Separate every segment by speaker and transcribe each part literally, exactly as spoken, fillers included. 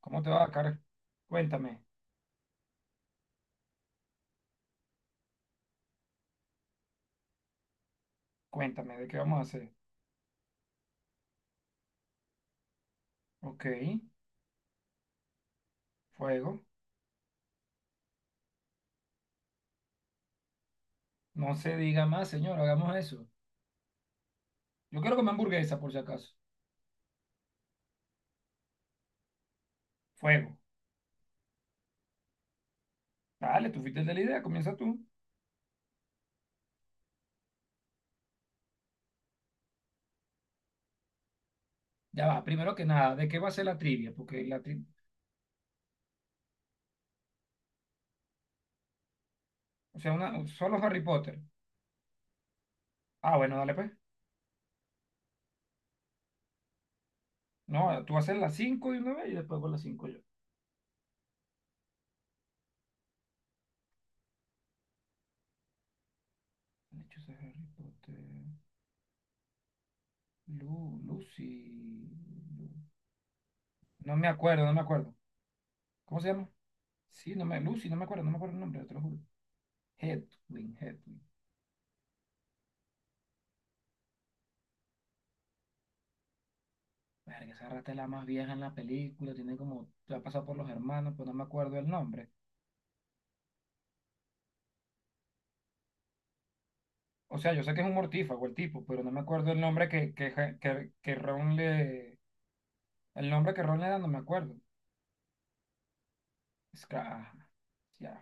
Speaker 1: ¿Cómo te va, Car? Cuéntame, cuéntame, ¿de qué vamos a hacer? Ok, fuego. No se diga más, señor, hagamos eso. Yo quiero comer hamburguesa, por si acaso. Fuego. Dale, tú fuiste el de la idea, comienza tú. Ya va, primero que nada, ¿de qué va a ser la trivia? Porque la tri... O sea, una... solo Harry Potter. Ah, bueno, dale pues. No, tú haces las cinco de una vez y después voy a las cinco yo. Han hecho ese Harry Potter. Lu, Lucy. Lu- No me acuerdo, no me acuerdo. ¿Cómo se llama? Sí, no me... Lucy, no me acuerdo, no me acuerdo el nombre, te lo juro. Hedwig, Hedwig. Verga, esa rata es la más vieja en la película, tiene como, ya ha pasado por los hermanos, pero no me acuerdo el nombre. O sea, yo sé que es un mortífago el tipo, pero no me acuerdo el nombre que, que, ja, que, que Ron le... El nombre que Ron le da no me acuerdo. Es que, ah, ya,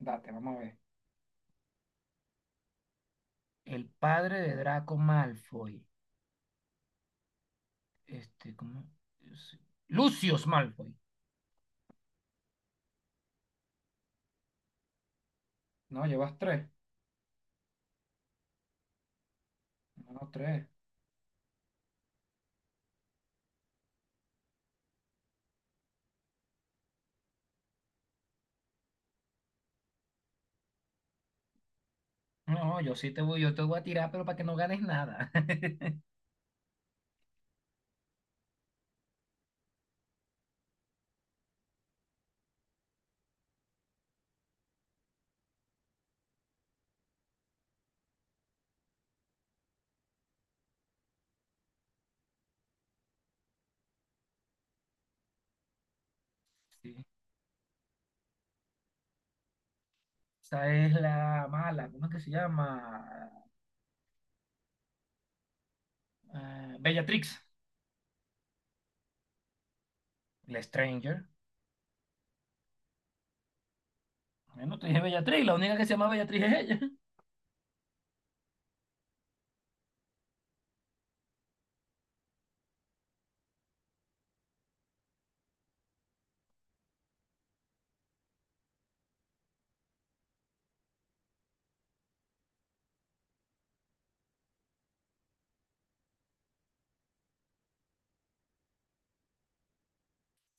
Speaker 1: date, vamos a ver. El padre de Draco Malfoy. Este, ¿cómo es? Lucius Malfoy. No, llevas tres. No, no, tres. No, yo sí te voy, yo te voy a tirar, pero para que no ganes nada. Sí. Esta es la mala, ¿cómo es que se llama? Eh, Bellatrix, la Stranger. Bueno, te dije Bellatrix, la única que se llama Bellatrix es ella.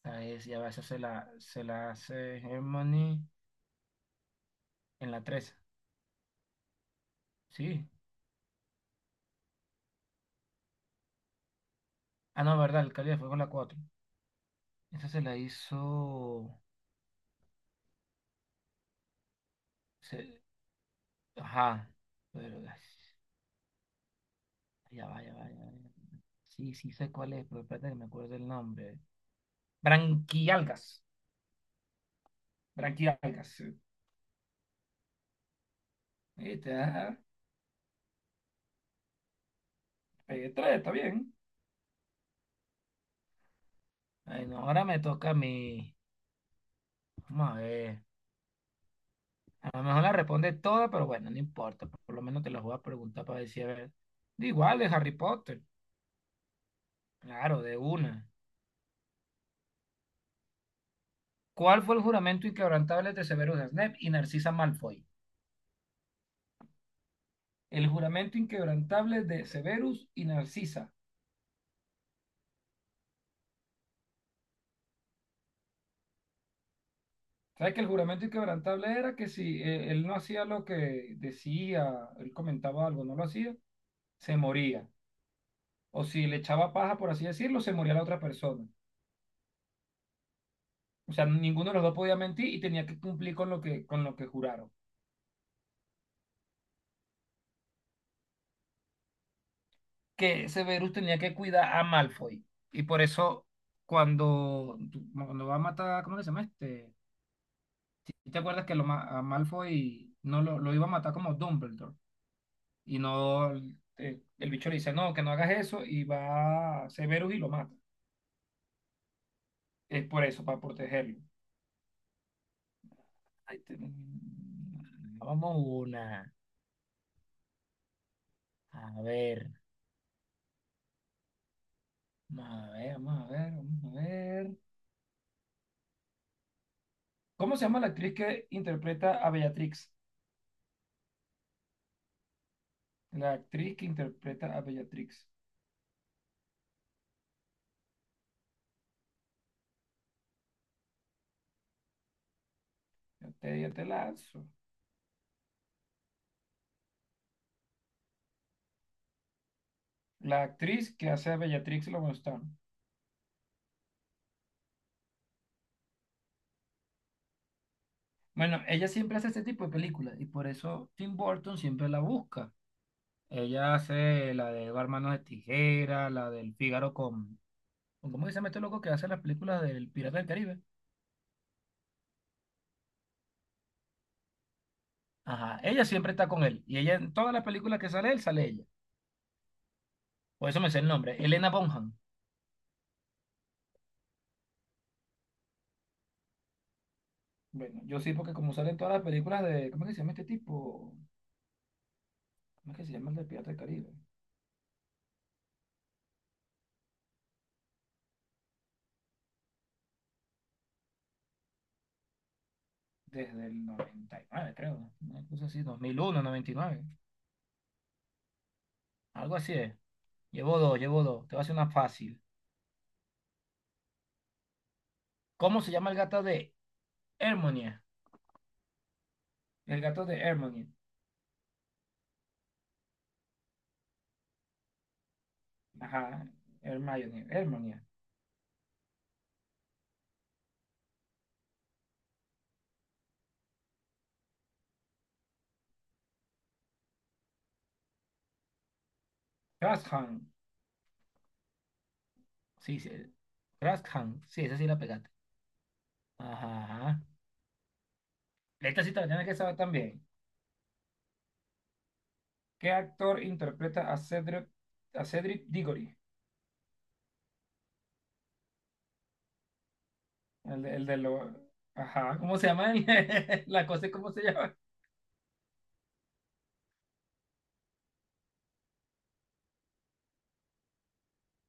Speaker 1: Esta es, ya va, esa se la, se la hace Hermione en la tres. Sí. Ah, no, verdad, el Cáliz de Fuego en la cuatro. Esa se la hizo... se- Ajá. Pero, ay, ya va, ya va, ya va. Sí, sí sé cuál es, pero espérate que me acuerdo del nombre. Branquialgas. Branquialgas. Sí. Ahí está, pegué tres, está bien. Ay, no, ahora me toca a mí. Vamos a ver. A lo mejor la responde toda, pero bueno, no importa. Por lo menos te las voy a preguntar para decir, a ver. De Igual, de Harry Potter. Claro, de una. ¿Cuál fue el juramento inquebrantable de Severus Snape y Narcisa Malfoy? El juramento inquebrantable de Severus y Narcisa. ¿Sabes que el juramento inquebrantable era que si eh, él no hacía lo que decía, él comentaba algo, no lo hacía, se moría? O si le echaba paja, por así decirlo, se moría la otra persona. O sea, ninguno de los dos podía mentir y tenía que cumplir con lo que, con lo que juraron. Que Severus tenía que cuidar a Malfoy. Y por eso, cuando, cuando va a matar, ¿cómo que se llama este? ¿Y te acuerdas que lo, ma- a Malfoy no lo, lo iba a matar como Dumbledore? Y no, eh, el bicho le dice, no, que no hagas eso, y va Severus y lo mata. Es por eso, para protegerlo. Ahí te- Vamos una. A ver. Vamos a ver, vamos a ver, vamos a ver. ¿Cómo se llama la actriz que interpreta a Bellatrix? La actriz que interpreta a Bellatrix. Yo te, yo te lanzo. La actriz que hace a Bellatrix Loboston. Bueno, ella siempre hace este tipo de películas y por eso Tim Burton siempre la busca. Ella hace la de Barmanos de Tijera, la del Fígaro con... con- ¿Cómo que se llama este loco que hace las películas del Pirata del Caribe? Ajá, ella siempre está con él. Y ella en todas las películas que sale él, sale ella. Por eso me sé el nombre, Elena Bonham. Bueno, yo sí, porque como salen todas las películas de... ¿Cómo que se llama este tipo? ¿Cómo es que se llama el de Pirata del Caribe? Desde el noventa y nueve, creo, ¿no? Una cosa así, dos mil uno, noventa y nueve. Algo así es. Llevo dos, llevo dos. Te voy a hacer una fácil. ¿Cómo se llama el gato de Hermione? El gato de Hermione. Ajá, Hermione, Hermione. Grashan. Sí, sí. Grashan. Sí, esa sí la pegaste. Ajá. Esta sí te la tienes que saber también. ¿Qué actor interpreta a Cedric, a Cedric Diggory? El, de- el de lo... Ajá, ¿cómo se llama? El- la cosa, es, ¿cómo se llama?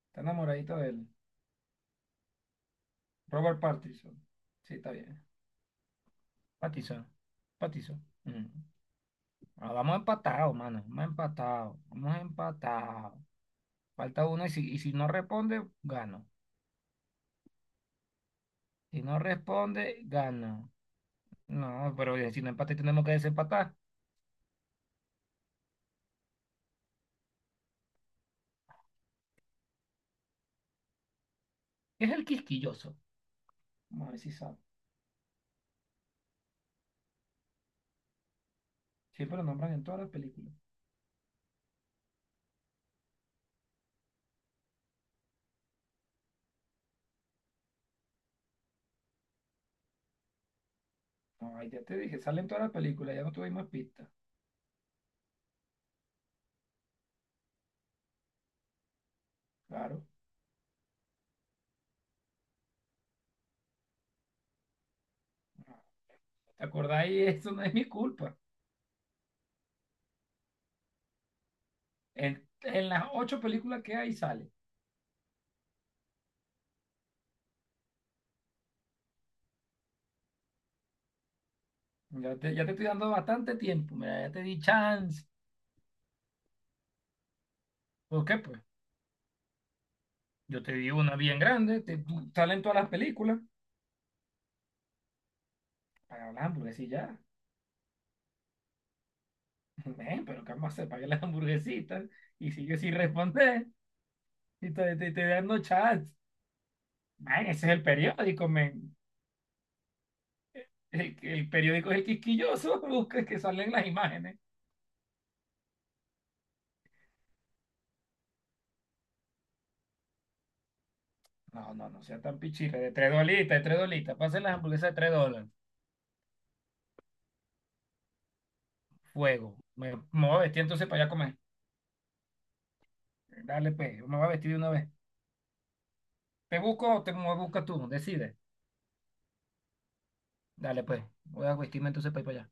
Speaker 1: Está enamoradito de él. Robert Pattinson. Sí, está bien. Pattinson. Pattinson. Mm. Ah, vamos empatados, mano. Vamos empatados. Vamos empatados. Falta uno y si, y si no responde, gano. Si no responde, gano. No, pero bien, si no empate tenemos que desempatar. Es el quisquilloso. Vamos a ver si sabe. Siempre lo nombran en todas las películas. No, ay, ya te dije, sale en todas las películas, ya no tuvimos pistas. Claro. Ah, ¿te acordáis? Eso no es mi culpa. En, en las ocho películas que hay sale. Ya te, ya te estoy dando bastante tiempo, mira, ya te di chance. ¿Por qué? Pues yo te di una bien grande, te, tú- salen todas las películas, paga las hamburguesitas ya. Ven, pero ¿qué vamos a hacer? Paga las hamburguesitas y sigue sin responder y te, te, te dando chance. Man, ese es el periódico, men. El, el periódico es el quisquilloso, busca que salen las imágenes. No, no, no sea tan pichirre, de tres dolitas, de tres dolitas, pasen las hamburguesas de tres dólares. Fuego, me, me voy a vestir entonces para allá a comer. Dale, pues, yo me voy a vestir de una vez. ¿Te busco o te, me buscas tú? Decide. Dale, pues. Voy a vestirme entonces para ir para allá.